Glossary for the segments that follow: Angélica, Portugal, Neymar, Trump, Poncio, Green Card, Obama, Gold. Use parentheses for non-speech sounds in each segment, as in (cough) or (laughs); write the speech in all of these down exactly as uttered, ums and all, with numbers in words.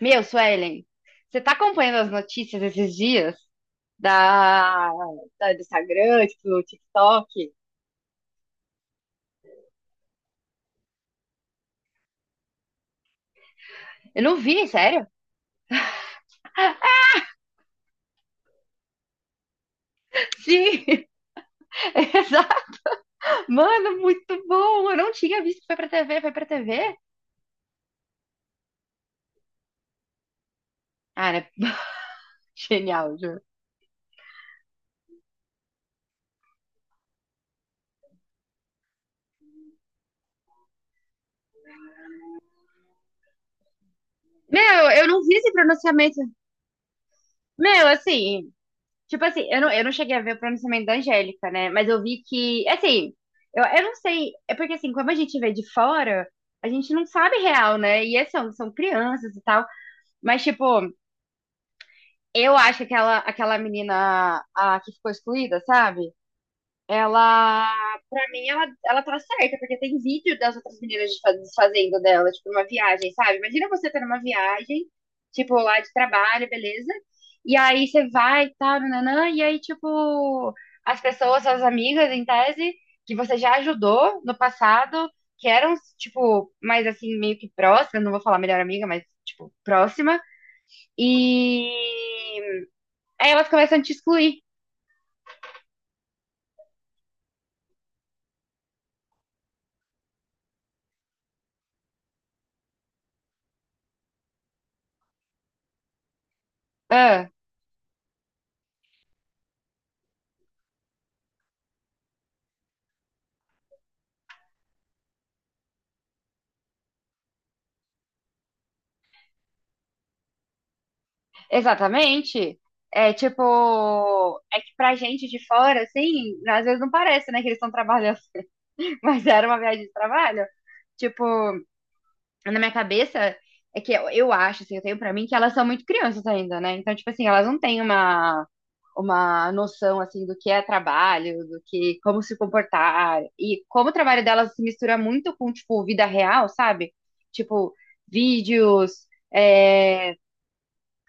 Meu, Suelen, você tá acompanhando as notícias esses dias da, da- do Instagram, tipo, do TikTok? Eu não vi, sério? Sim! (laughs) Exa- Mano, muito bom! Eu não tinha visto que foi pra T V, foi pra T V? Cara, (laughs) genial, juro. Meu, eu não vi esse pronunciamento. Meu, assim, tipo assim, eu não, eu não cheguei a ver o pronunciamento da Angélica, né? Mas eu vi que, assim, eu, eu não sei, é porque assim, como a gente vê de fora, a gente não sabe real, né? E é, são, são crianças e tal. Mas, tipo, eu acho que aquela, aquela menina a, que ficou excluída, sabe? Ela, pra mim, ela, ela tá certa, porque tem vídeo das outras meninas desfa- desfazendo dela, tipo, numa viagem, sabe? Imagina você tá numa viagem, tipo, lá de trabalho, beleza? E aí você vai e tal, nananã, e aí, tipo, as pessoas, suas amigas, em tese, que você já ajudou no passado, que eram, tipo, mais assim, meio que próximas, não vou falar melhor amiga, mas, tipo, próxima, e aí elas começam a te excluir. Ah, exatamente. É tipo, é que pra gente de fora, assim, às vezes não parece, né, que eles estão trabalhando, (laughs) mas era uma viagem de trabalho. Tipo, na minha cabeça, é que eu, eu acho, assim, eu tenho pra mim que elas são muito crianças ainda, né? Então, tipo assim, elas não têm uma, uma noção, assim, do que é trabalho, do que, como se comportar. E como o trabalho delas se mistura muito com, tipo, vida real, sabe? Tipo, vídeos, é,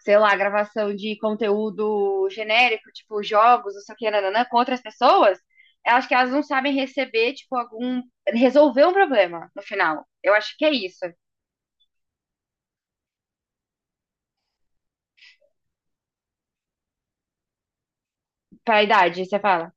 sei lá, gravação de conteúdo genérico, tipo jogos, não sei o que, nananã, com outras pessoas, eu acho que elas não sabem receber, tipo, algum. Resolver um problema no final. Eu acho que é isso. Pra idade, você fala.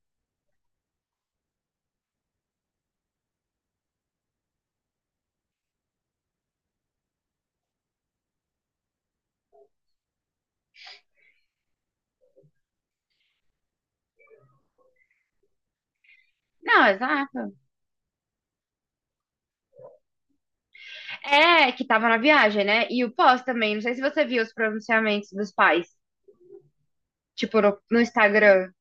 Não, exato. É, que tava na viagem, né? E o pós também. Não sei se você viu os pronunciamentos dos pais, tipo, no, no Instagram.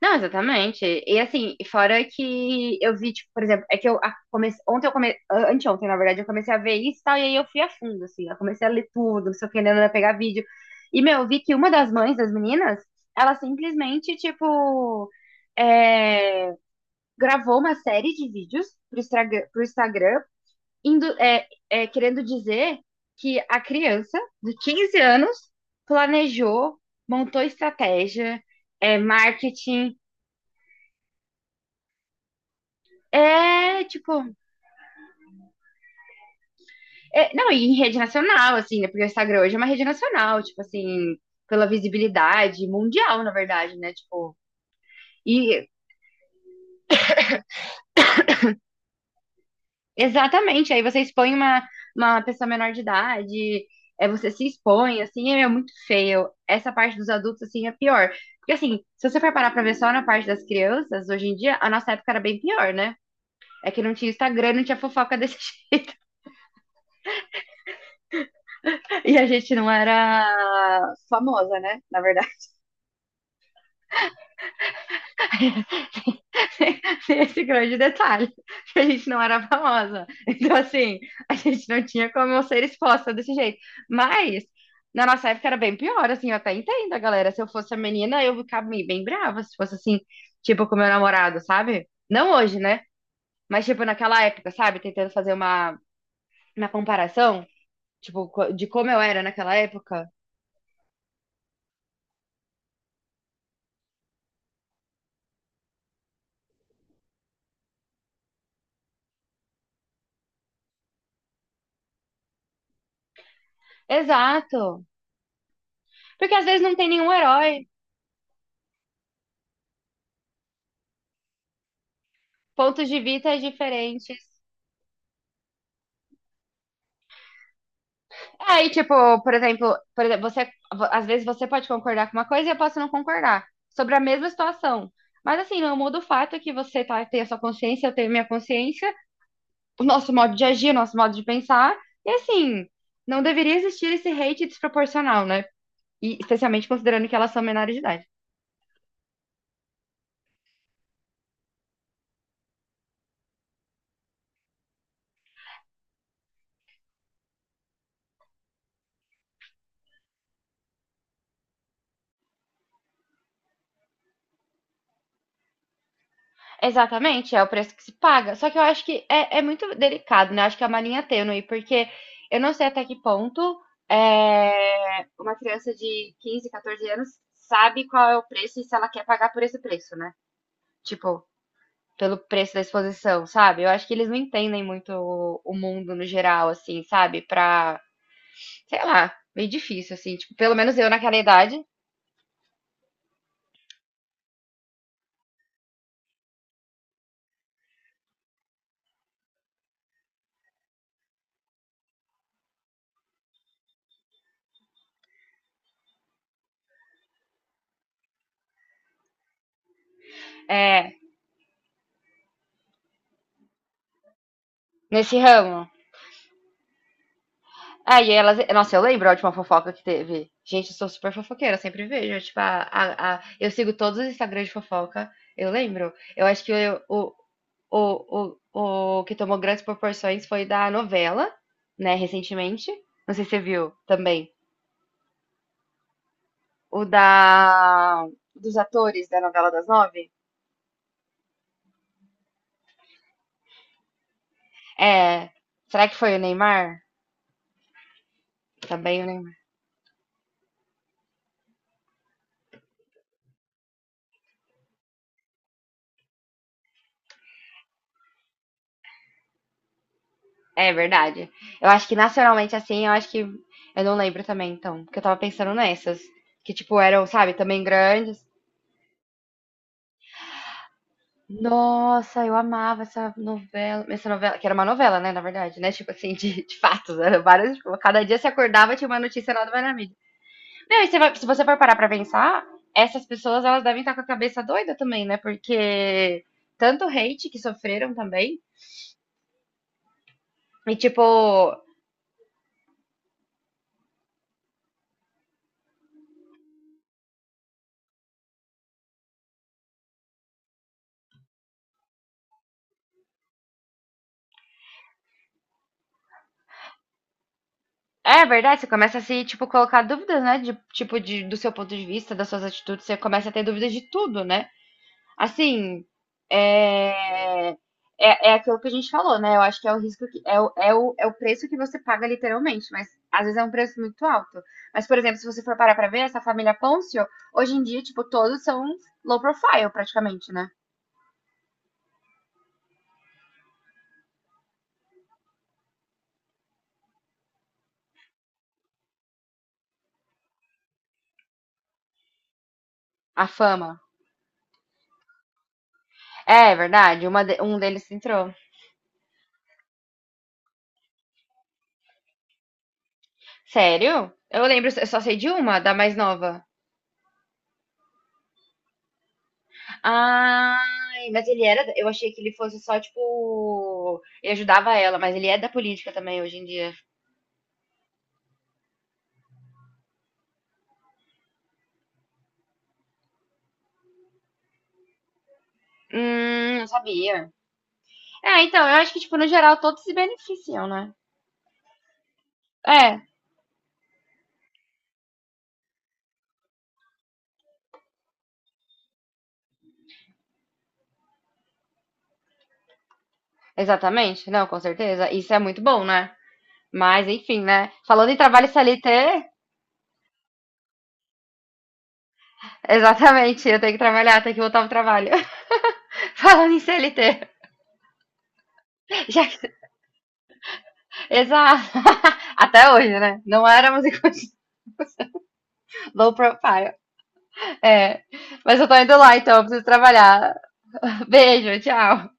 Não, exatamente. E assim, fora que eu vi, tipo, por exemplo, é que eu a- comecei, ontem eu comecei, anteontem, na verdade, eu comecei a ver isso e tal, e aí eu fui a fundo, assim, eu comecei a ler tudo, não sei o que, né, pegar vídeo. E, meu, eu vi que uma das mães das meninas, ela simplesmente, tipo, é, gravou uma série de vídeos pro Instagram, pro Instagram indo, é, é, querendo dizer que a criança de quinze anos planejou, montou estratégia, é, marketing. É, tipo, é- não, e em rede nacional, assim, né? Porque o Instagram hoje é uma rede nacional, tipo assim, pela visibilidade mundial, na verdade, né? Tipo, e exatamente, aí você expõe uma, uma pessoa menor de idade, é, você se expõe, assim, é muito feio. Essa parte dos adultos, assim, é pior. Porque, assim, se você for parar pra ver só na parte das crianças, hoje em dia, a nossa época era bem pior, né? É que não tinha Instagram, não tinha fofoca desse (laughs) jeito. E a gente não era famosa, né? Na verdade. (laughs) Esse grande detalhe, que a gente não era famosa. Então, assim, a gente não tinha como eu ser exposta desse jeito. Mas, na nossa época era bem pior, assim, eu até entendo a galera. Se eu fosse a menina, eu ficava meio bem brava, se fosse assim, tipo, com meu namorado, sabe? Não hoje, né? Mas, tipo, naquela época, sabe? Tentando fazer uma, uma comparação, tipo, co- de como eu era naquela época. Exato. Porque às vezes não tem nenhum herói, pontos de vista diferentes. É, aí, tipo, por exemplo, por exemplo, você, às vezes você pode concordar com uma coisa e eu posso não concordar sobre a mesma situação. Mas assim, não muda o fato que você tá, tem a sua consciência, eu tenho a minha consciência, o nosso modo de agir, o nosso modo de pensar. E assim, não deveria existir esse hate desproporcional, né? E especialmente considerando que elas são menores de idade. Exatamente, é o preço que se paga. Só que eu acho que é, é muito delicado, né? Acho que é uma linha tênue, porque eu não sei até que ponto é, uma criança de quinze, catorze anos sabe qual é o preço e se ela quer pagar por esse preço, né? Tipo, pelo preço da exposição, sabe? Eu acho que eles não entendem muito o, o mundo no geral, assim, sabe? Pra, sei lá, meio difícil, assim. Tipo, pelo menos eu naquela idade, é, nesse ramo. Ah e elas. Nossa, eu lembro a última fofoca que teve. Gente, eu sou super fofoqueira, sempre vejo. Tipo, a, a, a- eu sigo todos os Instagrams de fofoca. Eu lembro. Eu acho que o, o, o, o, o que tomou grandes proporções foi da novela, né, recentemente. Não sei se você viu também. O da. Dos atores da novela das nove. É. Será que foi o Neymar? Também o É verdade. Eu acho que nacionalmente assim, eu acho que. Eu não lembro também, então. Porque eu tava pensando nessas. Que, tipo, eram, sabe, também grandes. Nossa, eu amava essa novela. Essa novela, que era uma novela, né, na verdade, né? Tipo assim, de, de fatos. Era várias. Tipo, cada dia se acordava tinha uma notícia nova na mídia. Não, e você vai- se você for parar pra pensar, essas pessoas, elas devem estar com a cabeça doida também, né? Porque tanto hate que sofreram também. E, tipo, é verdade, você começa a se, tipo, colocar dúvidas, né? De, tipo, de, do seu ponto de vista, das suas atitudes, você começa a ter dúvidas de tudo, né? Assim, é, é, é aquilo que a gente falou, né? Eu acho que é o risco que é o, é o, é o preço que você paga literalmente, mas às vezes é um preço muito alto. Mas, por exemplo, se você for parar pra ver, essa família Poncio, hoje em dia, tipo, todos são low profile, praticamente, né? A fama. É, é verdade, uma de- um deles entrou. Sério? Eu lembro, eu só sei de uma, da mais nova. Ai, mas ele era. Eu achei que ele fosse só, tipo. Ele ajudava ela, mas ele é da política também hoje em dia. Hum, não sabia. É, então, eu acho que, tipo, no geral, todos se beneficiam, né? É, exatamente. Não, com certeza. Isso é muito bom, né? Mas, enfim, né? Falando em trabalho C L T, (laughs) exatamente. Eu tenho que trabalhar, tenho que voltar pro trabalho. (laughs) Falando em C L T. (laughs) Já... que- Exato. (laughs) Até hoje, né? Não éramos em (laughs) low profile. É, mas eu tô indo lá, então eu preciso trabalhar. (laughs) Beijo, tchau.